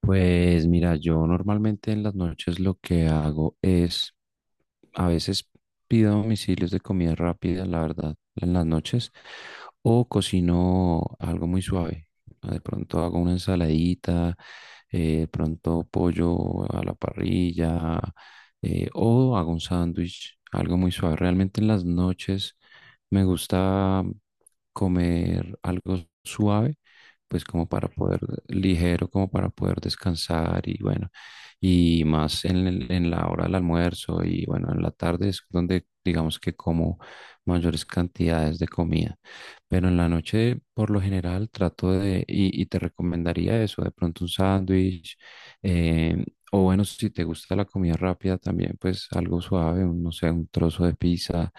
Pues mira, yo normalmente en las noches lo que hago es, a veces pido domicilios de comida rápida, la verdad, en las noches, o cocino algo muy suave. De pronto hago una ensaladita, de pronto pollo a la parrilla, o hago un sándwich, algo muy suave. Realmente en las noches me gusta comer algo suave pues como para poder, ligero, como para poder descansar y bueno, y más en la hora del almuerzo y bueno, en la tarde es donde digamos que como mayores cantidades de comida, pero en la noche por lo general trato de, y te recomendaría eso, de pronto un sándwich, eh, o bueno, si te gusta la comida rápida también, pues algo suave, un, no sé, un trozo de pizza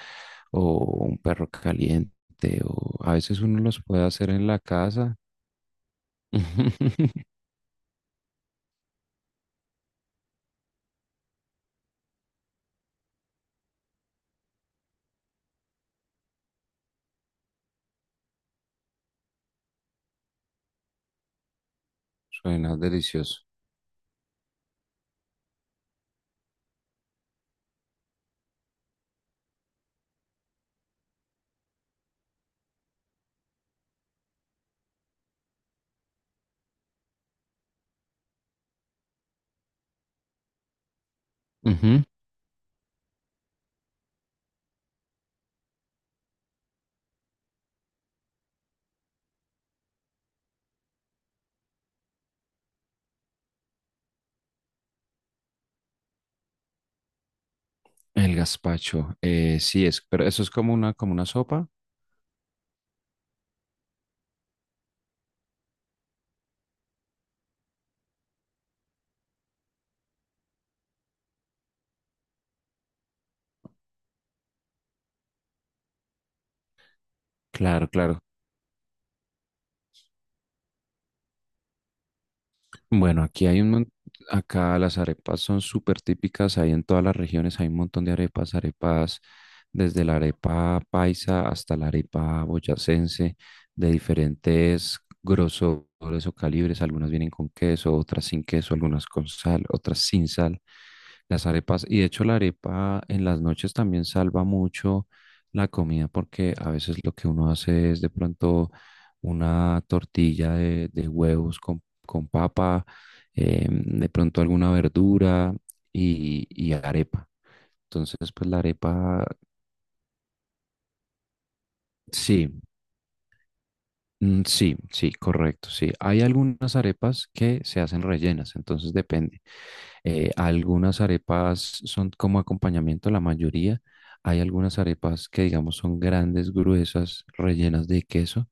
o un perro caliente. O a veces uno los puede hacer en la casa. Suena delicioso. Ujú. El gazpacho, sí es, pero eso es como una sopa. Claro, claro. Bueno, aquí hay un, mon- acá las arepas son súper típicas, hay en todas las regiones, hay un montón de arepas, arepas desde la arepa paisa hasta la arepa boyacense, de diferentes grosores o calibres. Algunas vienen con queso, otras sin queso, algunas con sal, otras sin sal. Las arepas, y de hecho la arepa en las noches también salva mucho la comida porque a veces lo que uno hace es de pronto una tortilla de huevos con papa, de pronto alguna verdura y arepa. Entonces, pues la arepa, sí. Mm, sí, sí, correcto, sí. Hay algunas arepas que se hacen rellenas, entonces depende. Algunas arepas son como acompañamiento, la mayoría. Hay algunas arepas que, digamos, son grandes, gruesas, rellenas de queso.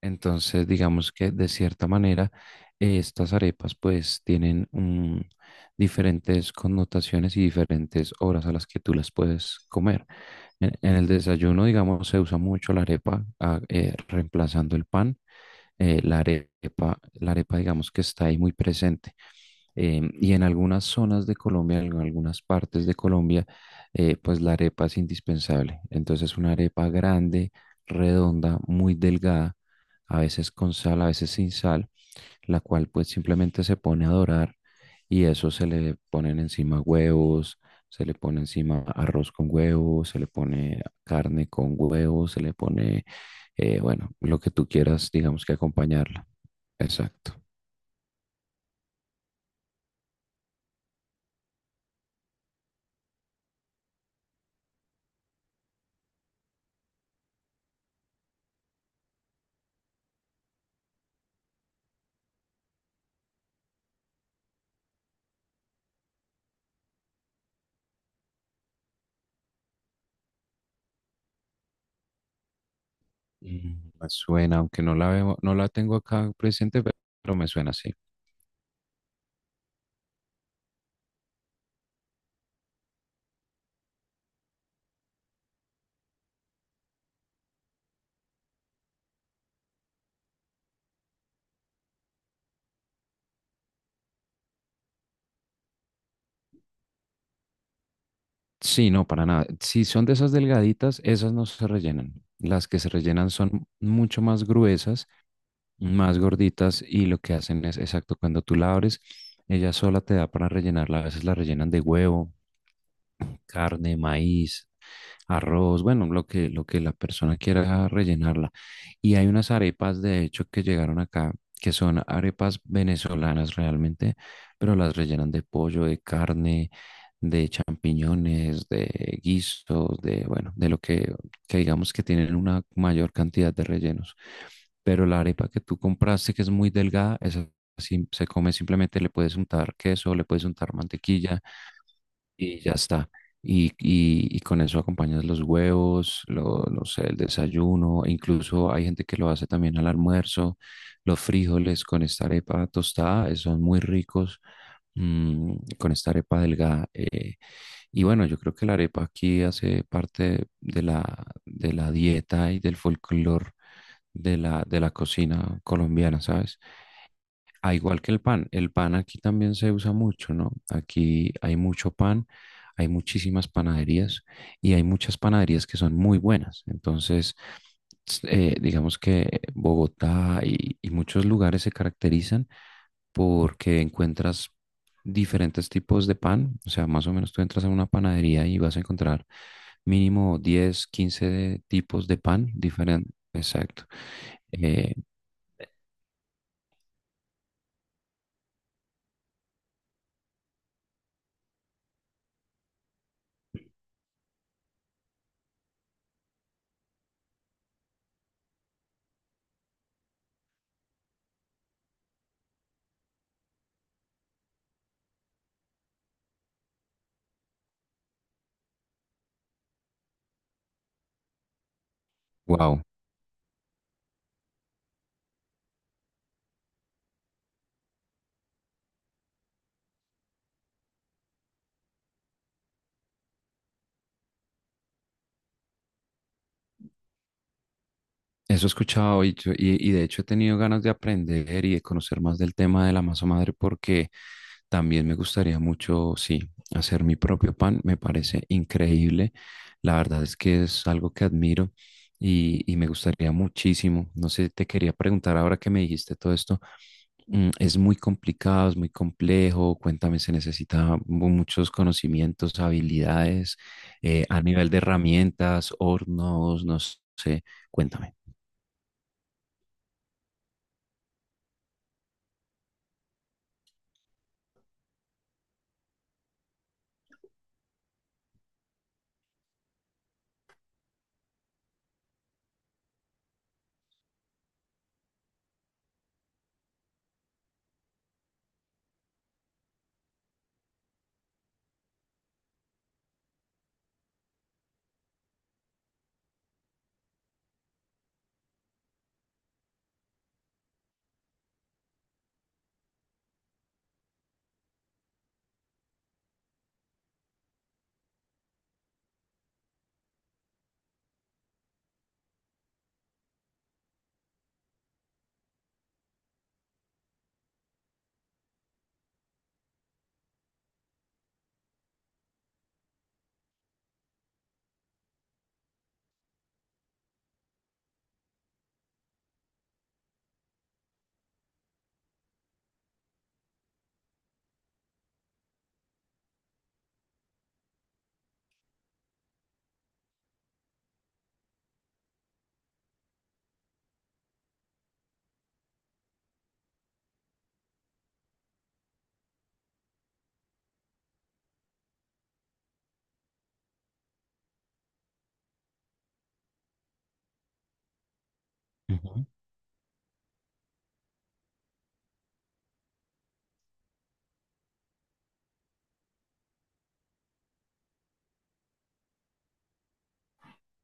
Entonces, digamos que de cierta manera, estas arepas pues tienen diferentes connotaciones y diferentes horas a las que tú las puedes comer. En el desayuno, digamos, se usa mucho la arepa ah, reemplazando el pan. La arepa, la arepa digamos que está ahí muy presente. Y en algunas zonas de Colombia, en algunas partes de Colombia, pues la arepa es indispensable. Entonces una arepa grande, redonda, muy delgada, a veces con sal, a veces sin sal, la cual pues simplemente se pone a dorar y eso se le ponen encima huevos. Se le pone encima arroz con huevos, se le pone carne con huevos, se le pone, bueno, lo que tú quieras, digamos que acompañarla. Exacto. Mm, me suena, aunque no la veo, no la tengo acá presente, pero me suena así. Sí, no, para nada. Si son de esas delgaditas, esas no se rellenan. Las que se rellenan son mucho más gruesas, más gorditas, y lo que hacen es, exacto, cuando tú la abres, ella sola te da para rellenarla. A veces la rellenan de huevo, carne, maíz, arroz, bueno, lo que la persona quiera rellenarla. Y hay unas arepas, de hecho, que llegaron acá, que son arepas venezolanas realmente, pero las rellenan de pollo, de carne, de champiñones, de guisos, bueno, de lo que digamos que tienen una mayor cantidad de rellenos. Pero la arepa que tú compraste, que es muy delgada, esa sí se come simplemente, le puedes untar queso, le puedes untar mantequilla y ya está. Y con eso acompañas los huevos, no sé, el desayuno, e incluso hay gente que lo hace también al almuerzo. Los frijoles con esta arepa tostada son muy ricos, mm, con esta arepa delgada. Y bueno, yo creo que la arepa aquí hace parte de de la dieta y del folclore de de la cocina colombiana, ¿sabes? Ah, igual que el pan aquí también se usa mucho, ¿no? Aquí hay mucho pan, hay muchísimas panaderías y hay muchas panaderías que son muy buenas. Entonces, digamos que Bogotá y muchos lugares se caracterizan porque encuentras diferentes tipos de pan. O sea, más o menos tú entras a una panadería y vas a encontrar mínimo 10 o 15 tipos de pan diferentes. Exacto. Wow. Eso he escuchado, y de hecho he tenido ganas de aprender y de conocer más del tema de la masa madre porque también me gustaría mucho, sí, hacer mi propio pan. Me parece increíble. La verdad es que es algo que admiro y me gustaría muchísimo. No sé, te quería preguntar ahora que me dijiste todo esto. ¿Es muy complicado, es muy complejo? Cuéntame, se necesita muchos conocimientos, habilidades, a nivel de herramientas, hornos, no sé. Cuéntame.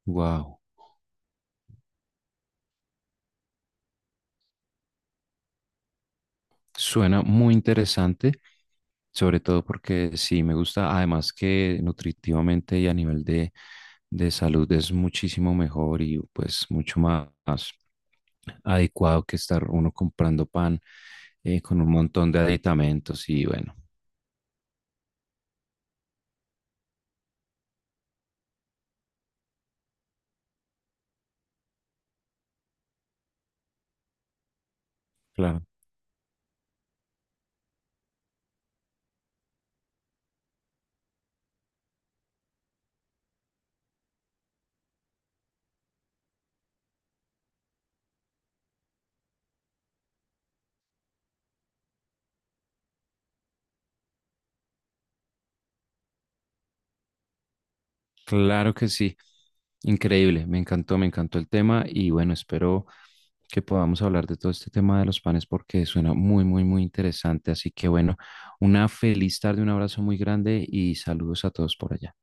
Wow. Suena muy interesante, sobre todo porque sí me gusta, además que nutritivamente y a nivel de salud es muchísimo mejor y pues mucho más adecuado que estar uno comprando pan con un montón de aditamentos y bueno, claro. Claro que sí. Increíble. Me encantó el tema y bueno, espero que podamos hablar de todo este tema de los panes porque suena muy, muy, muy interesante. Así que bueno, una feliz tarde, un abrazo muy grande y saludos a todos por allá.